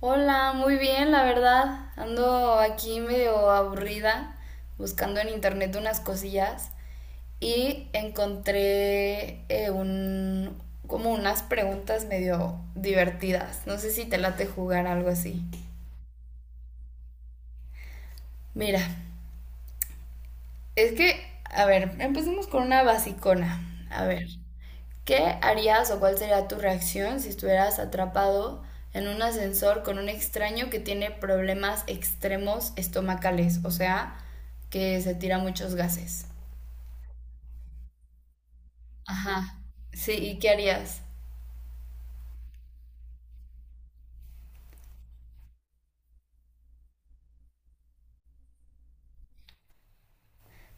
Hola, muy bien, la verdad. Ando aquí medio aburrida, buscando en internet unas cosillas y encontré como unas preguntas medio divertidas. No sé si te late jugar algo así. Mira, es que, a ver, empecemos con una basicona. A ver, ¿qué harías o cuál sería tu reacción si estuvieras atrapado en un ascensor con un extraño que tiene problemas extremos estomacales? O sea, que se tira muchos gases. Ajá. Sí, ¿y qué harías?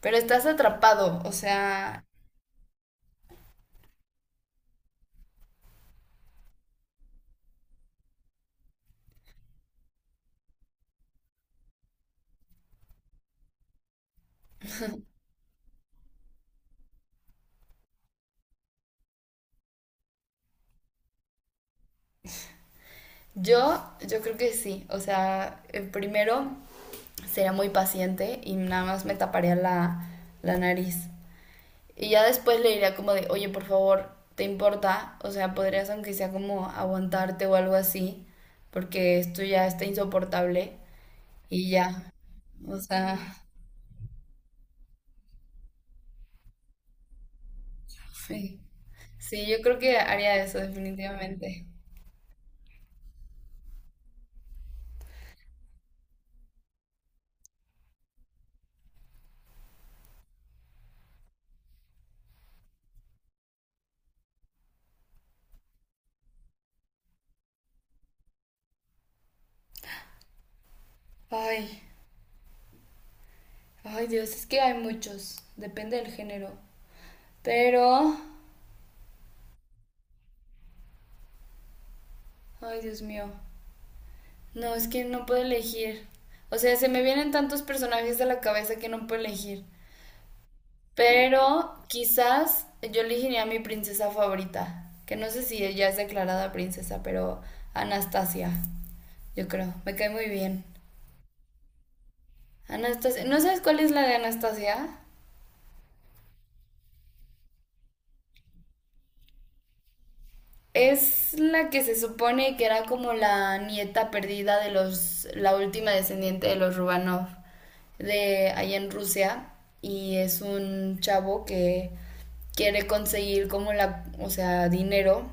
Pero estás atrapado, o sea, yo, yo creo que sí. O sea, primero sería muy paciente y nada más me taparía la nariz. Y ya después le diría como de, oye, por favor, ¿te importa? O sea, podrías aunque sea como aguantarte o algo así, porque esto ya está insoportable y ya. O sea, sí. Sí, yo creo que haría eso definitivamente. Ay, ay Dios, es que hay muchos, depende del género. Pero, ay Dios mío, no, es que no puedo elegir. O sea, se me vienen tantos personajes a la cabeza que no puedo elegir. Pero quizás yo elegiría a mi princesa favorita, que no sé si ella es declarada princesa, pero Anastasia, yo creo, me cae muy bien. Anastasia, ¿no sabes cuál es la de Anastasia? Es la que se supone que era como la nieta perdida de los, la última descendiente de los Rubanov, de allá en Rusia, y es un chavo que quiere conseguir como la, o sea, dinero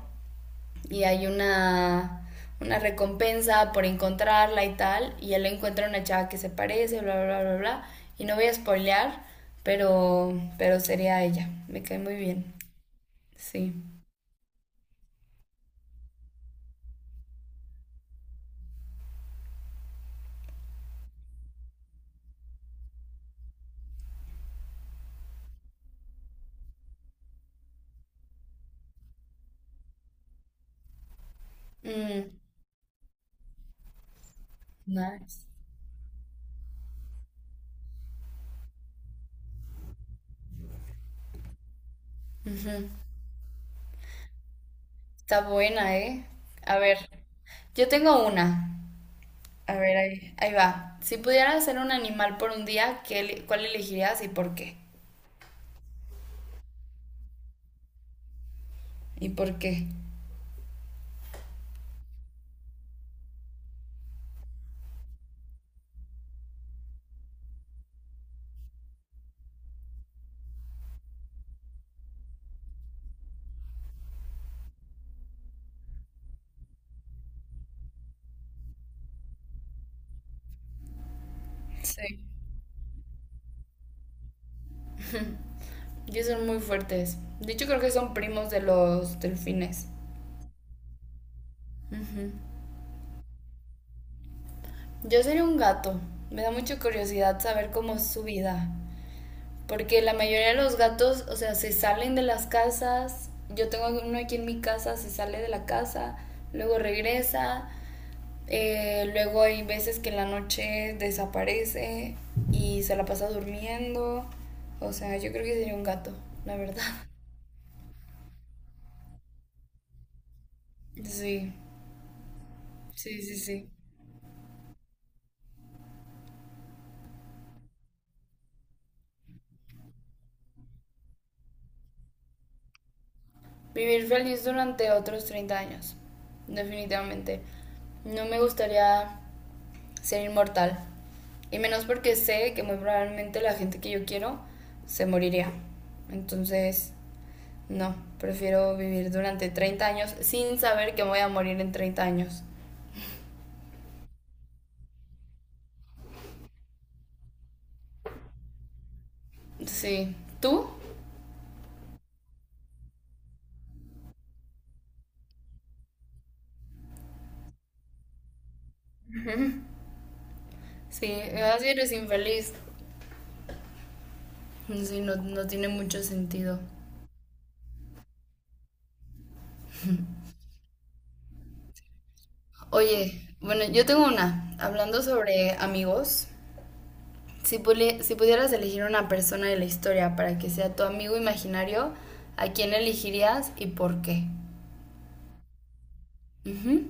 y hay una recompensa por encontrarla y tal, y él encuentra una chava que se parece, bla, bla, bla, bla, y no voy a spoilear, pero sería ella, me cae muy bien, sí. Mm, nice. Ujú. Está buena, ¿eh? A ver, yo tengo una. A ver, ahí, ahí va. Si pudieras ser un animal por un día, ¿qué, cuál elegirías y por qué? ¿Y por qué? Sí. Y son muy fuertes. De hecho, creo que son primos de los delfines. Ujú. Yo sería un gato. Me da mucha curiosidad saber cómo es su vida. Porque la mayoría de los gatos, o sea, se salen de las casas. Yo tengo uno aquí en mi casa, se sale de la casa, luego regresa. Luego hay veces que en la noche desaparece y se la pasa durmiendo. O sea, yo creo que sería un gato, la verdad. Sí, sí, sí, sí. Vivir feliz durante otros 30 años, definitivamente. No me gustaría ser inmortal. Y menos porque sé que muy probablemente la gente que yo quiero se moriría. Entonces, no, prefiero vivir durante 30 años sin saber que voy a morir en 30 años. Sí, ¿tú? Sí, así eres infeliz. Sí, no, no tiene mucho sentido. Oye, bueno, yo tengo una. Hablando sobre amigos, si, si pudieras elegir una persona de la historia para que sea tu amigo imaginario, ¿a quién elegirías y por qué? Ujú.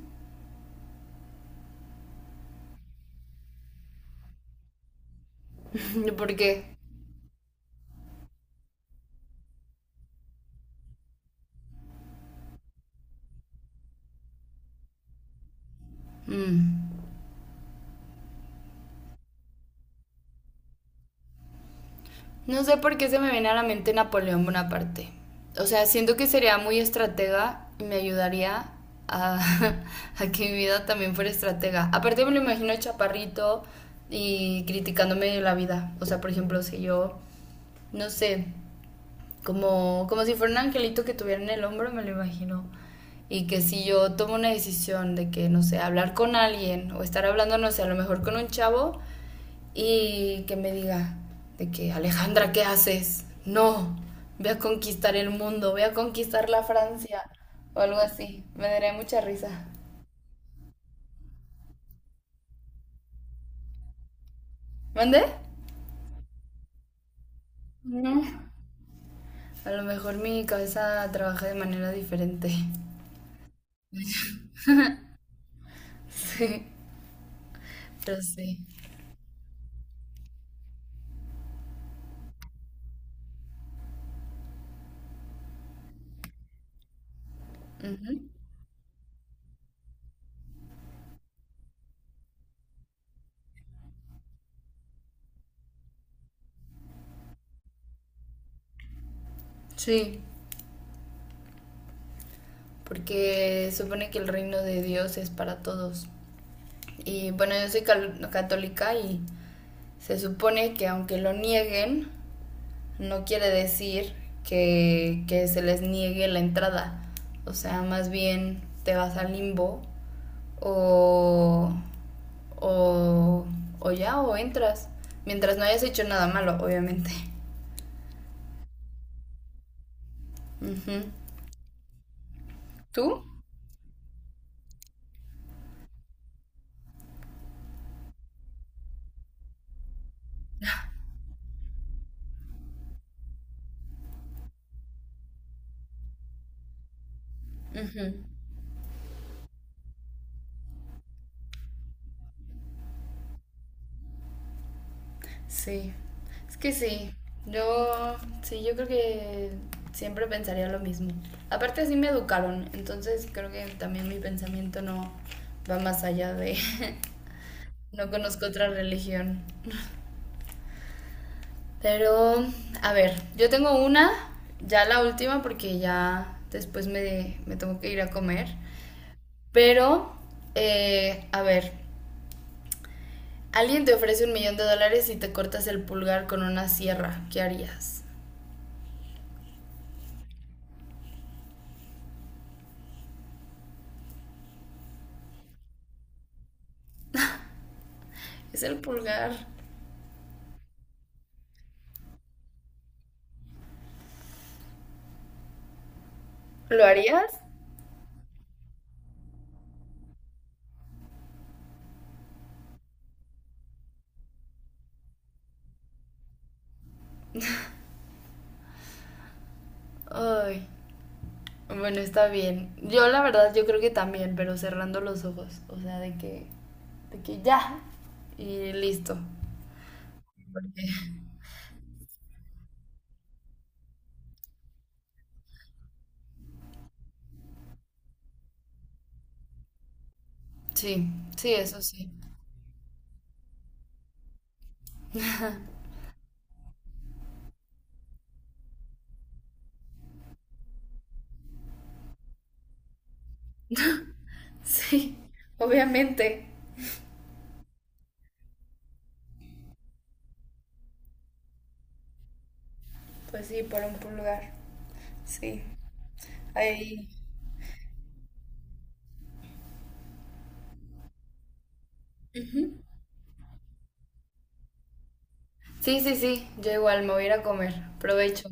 ¿Por qué? Mm. No sé por qué se me viene a la mente Napoleón Bonaparte. O sea, siento que sería muy estratega y me ayudaría a, a que mi vida también fuera estratega. Aparte me lo imagino chaparrito y criticándome la vida. O sea, por ejemplo, si yo, no sé, como, como si fuera un angelito que tuviera en el hombro, me lo imagino. Y que si yo tomo una decisión de que, no sé, hablar con alguien o estar hablando, no sé, a lo mejor con un chavo y que me diga de que, Alejandra, ¿qué haces? No, voy a conquistar el mundo, voy a conquistar la Francia o algo así. Me daría mucha risa. ¿Mande? No. A lo mejor mi cabeza trabaja de manera diferente. Sí, pero sí. Ujú. Sí, porque supone que el reino de Dios es para todos. Y bueno, yo soy católica y se supone que aunque lo nieguen, no quiere decir que se les niegue la entrada. O sea, más bien te vas al limbo o, o, o ya, o entras. Mientras no hayas hecho nada malo, obviamente. Ujú. ¿Tú? Ujú. Sí, es que sí, yo sí, yo creo que siempre pensaría lo mismo. Aparte así me educaron, entonces creo que también mi pensamiento no va más allá de… No conozco otra religión. Pero, a ver, yo tengo una, ya la última porque ya después me tengo que ir a comer. Pero, a ver, alguien te ofrece $1.000.000 y te cortas el pulgar con una sierra, ¿qué harías? Es el pulgar. ¿Lo harías? Ay, bueno, está bien. Yo la verdad, yo creo que también, pero cerrando los ojos. O sea, de que ya. Y listo. Sí, sí, eso sí. Sí, obviamente. Pues sí, por un pulgar. Sí. Ahí. Sí, sí, sí. Yo igual me voy a ir a comer. Provecho.